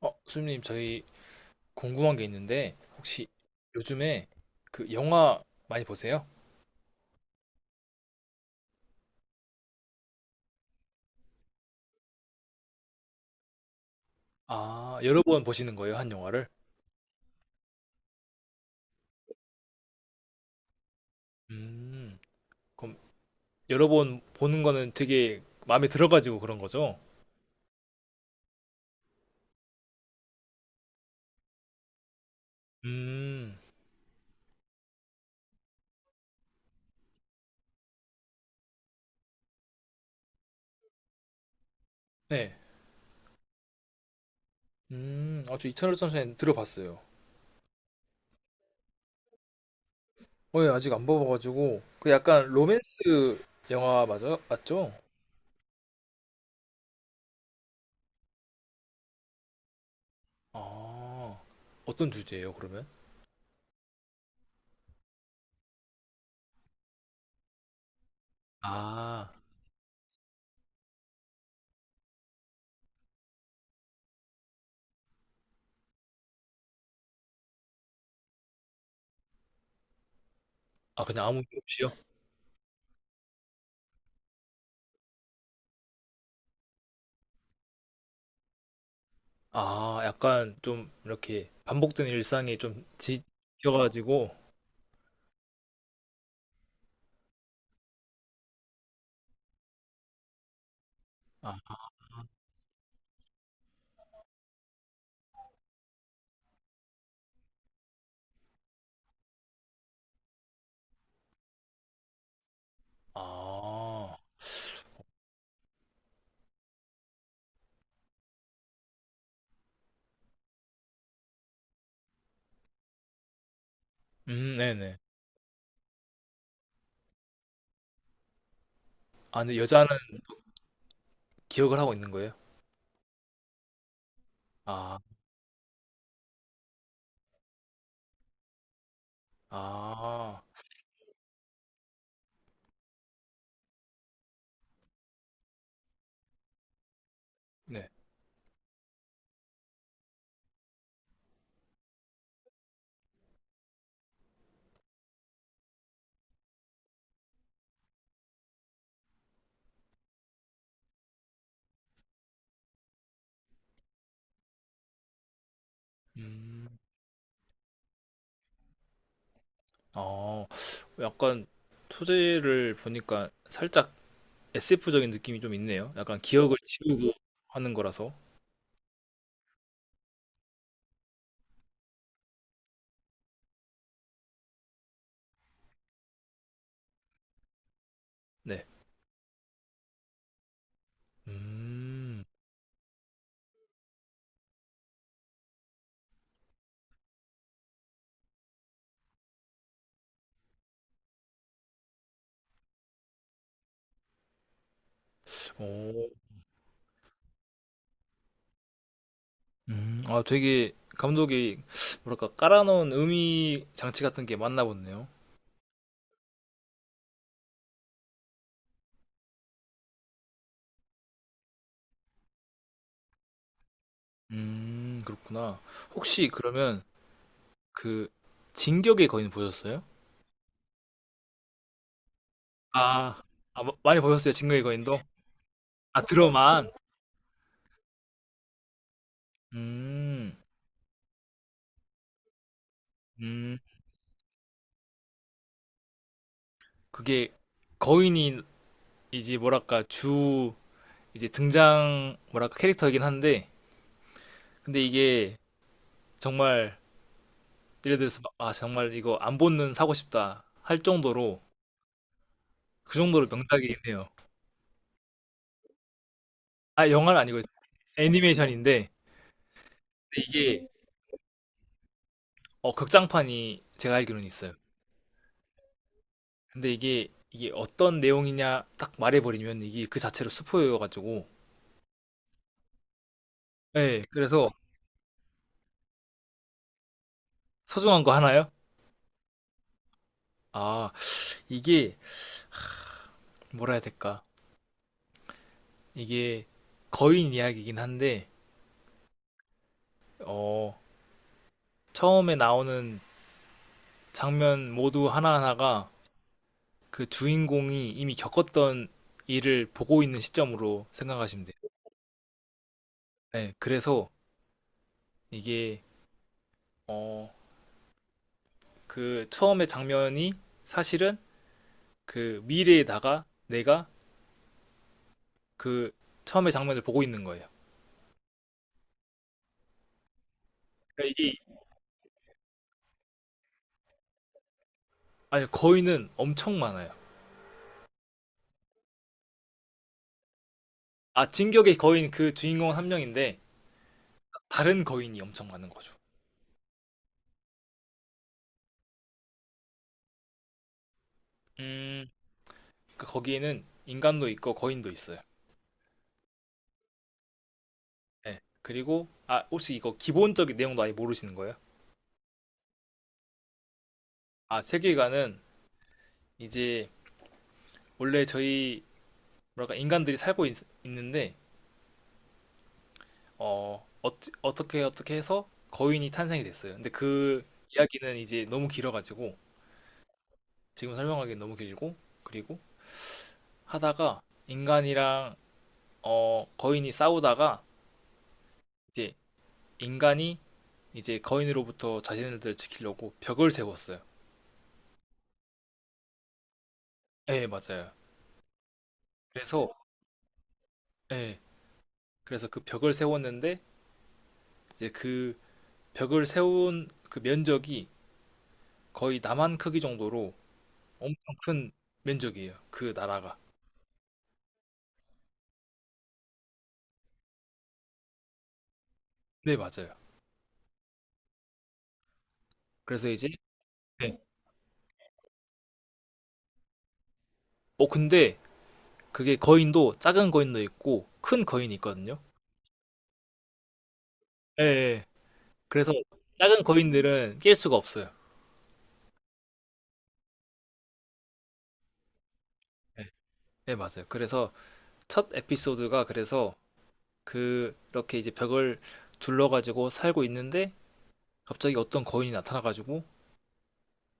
어, 수님님, 저희 궁금한 게 있는데, 혹시 요즘에 그 영화 많이 보세요? 아, 여러 번 보시는 거예요, 한 영화를? 음, 그럼 여러 번 보는 거는 되게 마음에 들어가지고 그런 거죠? 음, 네. 아, 저 이터널 선샤인 들어봤어요. 어, 예, 아직 안 봐봐가지고. 그 약간 로맨스 영화 맞아요? 맞죠? 아, 어떤 주제예요, 그러면? 아, 아, 그냥 아무 이유 없이요? 아, 약간 좀 이렇게 반복된 일상이 좀 지겨가지고, 아, 아, 네네. 아, 근데 여자는 기억을 하고 있는 거예요? 아, 아, 네. 음, 어, 약간 소재를 보니까 살짝 SF적인 느낌이 좀 있네요. 약간 기억을 지우고 하는 거라서. 네. 음, 오, 아, 되게 감독이 뭐랄까 깔아놓은 의미 장치 같은 게 맞나 보네요. 음, 그렇구나. 혹시 그러면 그 진격의 거인 보셨어요? 아. 아, 뭐 많이 보셨어요? 진격의 거인도? 아, 드러만. 음. 음. 그게 거인이 이제 뭐랄까 주, 이제 등장 뭐랄까 캐릭터이긴 한데 근데 이게 정말 예를 들어서 막 '아, 정말 이거 안 보는 사고 싶다.' 할 정도로 그 정도로 명작이긴 해요. 아, 영화는 아니고 애니메이션인데 근데 이게 어, 극장판이 제가 알기로는 있어요. 근데 이게 어떤 내용이냐 딱 말해버리면 이게 그 자체로 스포여가지고. 네, 그래서 소중한 거 하나요? 아, 이게 뭐라 해야 될까? 이게 거인 이야기긴 한데 어, 처음에 나오는 장면 모두 하나하나가 그 주인공이 이미 겪었던 일을 보고 있는 시점으로 생각하시면 돼요. 네, 그래서 이게 어 그 처음에 장면이 사실은 그 미래에다가 내가 그 처음에 장면을 보고 있는 거예요. 그러니까 이게 아니, 거인은 엄청 많아요. 아, 진격의 거인 그 주인공은 한 명인데 다른 거인이 엄청 많은 거죠. 음, 그 거기에는 인간도 있고 거인도 있어요. 네. 그리고 아, 혹시 이거 기본적인 내용도 아예 모르시는 거예요? 아, 세계관은 이제 원래 저희 뭐랄까 인간들이 살고 있, 는데어 어어 어떻게 해서 거인이 탄생이 됐어요. 근데 그 이야기는 이제 너무 길어가지고 지금 설명하기엔 너무 길고 그리고 하다가 인간이랑 어, 거인이 싸우다가 이제 인간이 이제 거인으로부터 자신을 지키려고 벽을 세웠어요. 예, 맞아요. 그래서 예, 그래서 그 벽을 세웠는데 이제 그 벽을 세운 그 면적이 거의 남한 크기 정도로 엄청 큰 면적이에요. 그 나라가. 네, 맞아요. 그래서 이제 네. 어, 근데 그게 거인도 작은 거인도 있고 큰 거인이 있거든요. 예. 예. 그래서 작은 거인들은 깰 수가 없어요. 예. 네, 맞아요. 그래서 첫 에피소드가 그래서 그렇게 이제 벽을 둘러가지고 살고 있는데 갑자기 어떤 거인이 나타나가지고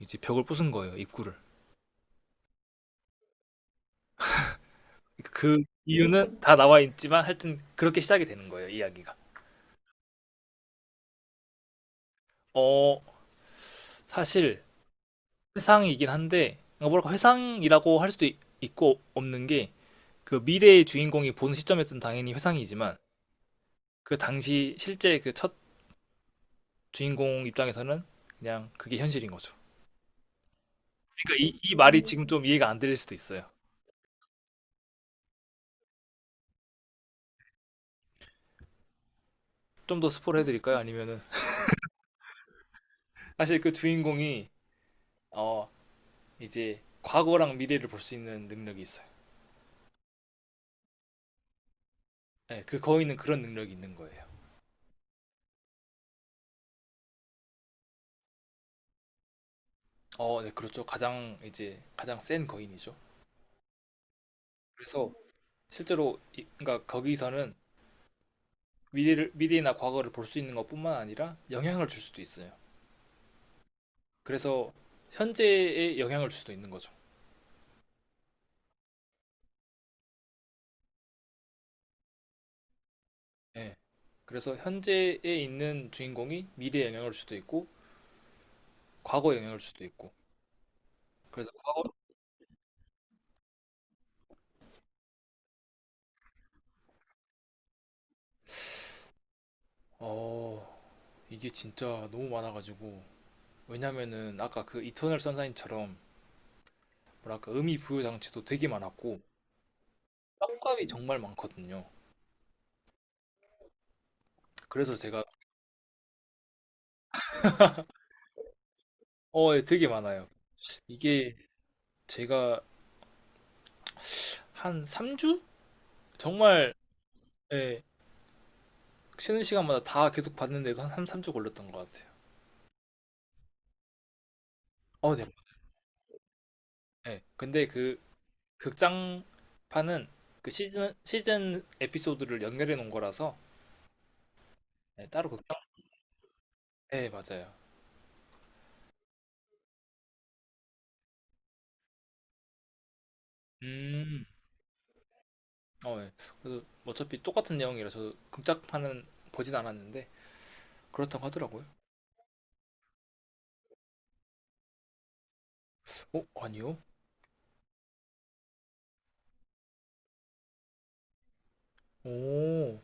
이제 벽을 부순 거예요, 입구를. 그러니까 그 이유는 다 나와 있지만 하여튼 그렇게 시작이 되는 거예요, 이야기가. 어, 사실 회상이긴 한데 그러니까 뭐랄까 회상이라고 할 수도 있- 있고 없는 게 그 미래의 주인공이 보는 시점에서는 당연히 회상이지만 그 당시 실제 그 첫 주인공 입장에서는 그냥 그게 현실인 거죠. 그러니까 이 말이 지금 좀 이해가 안 될 수도 있어요. 좀 더 스포를 해드릴까요? 아니면은 사실 그 주인공이 어, 이제 과거랑 미래를 볼 수 있는 능력이 있어요. 네, 그 거인은 그런 능력이 있는 거예요. 어, 네, 그렇죠. 가장 이제 가장 센 거인이죠. 그래서 실제로 이- 그러니까 거기서는 미래를 미래나 과거를 볼 수 있는 것뿐만 아니라 영향을 줄 수도 있어요. 그래서 현재에 영향을 줄 수도 있는 거죠. 예. 그래서 현재에 있는 주인공이 미래에 영향을 줄 수도 있고 과거에 영향을 줄 수도 있고 그래서 과거 어, 이게 진짜 너무 많아가지고. 왜냐면은 아까 그 이터널 선샤인처럼 뭐랄까 의미 부여 장치도 되게 많았고 떡값이 정말 많거든요. 그래서 제가 어, 예, 되게 많아요. 이게 제가 한 3주? 정말 예, 쉬는 시간마다 다 계속 봤는데도 한 삼주 걸렸던 것 같아요. 어, 네. 예. 근데 그 극장판은 그 시즌 에피소드를 연결해 놓은 거라서 예, 따로 극장 네, 맞아요. 음. 어, 예. 그래서 어차피 똑같은 내용이라서 금짝판은 보진 않았는데 그렇다고 하더라고요. 어, 아니요. 오,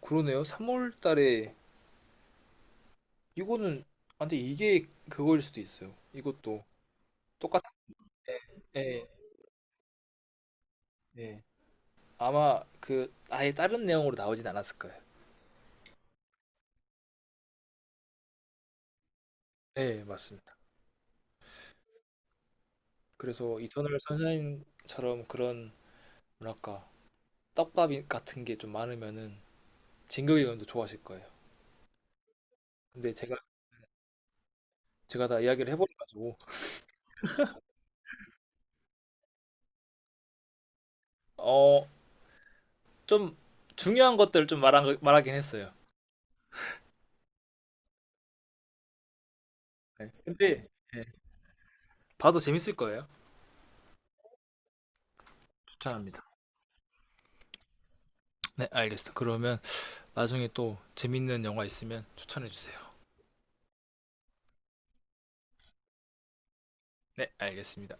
그러네요. 3월 달에 이거는 아, 근데 이게 그거일 수도 있어요. 이것도 똑같 예. 예. 아마 그 아예 다른 내용으로 나오진 않았을 거예요. 네, 맞습니다. 그래서 이터널 선샤인처럼 그런 뭐랄까 떡밥 같은 게 좀 많으면은 진격의 의원도 좋아하실 거예요. 근데 제가 다 이야기를 해버려가지고 어, 좀 중요한 것들을 좀 말하긴 했어요. 네. 근데 네. 봐도 재밌을 거예요. 추천합니다. 네, 알겠습니다. 그러면 나중에 또 재밌는 영화 있으면 추천해 주세요. 네, 알겠습니다.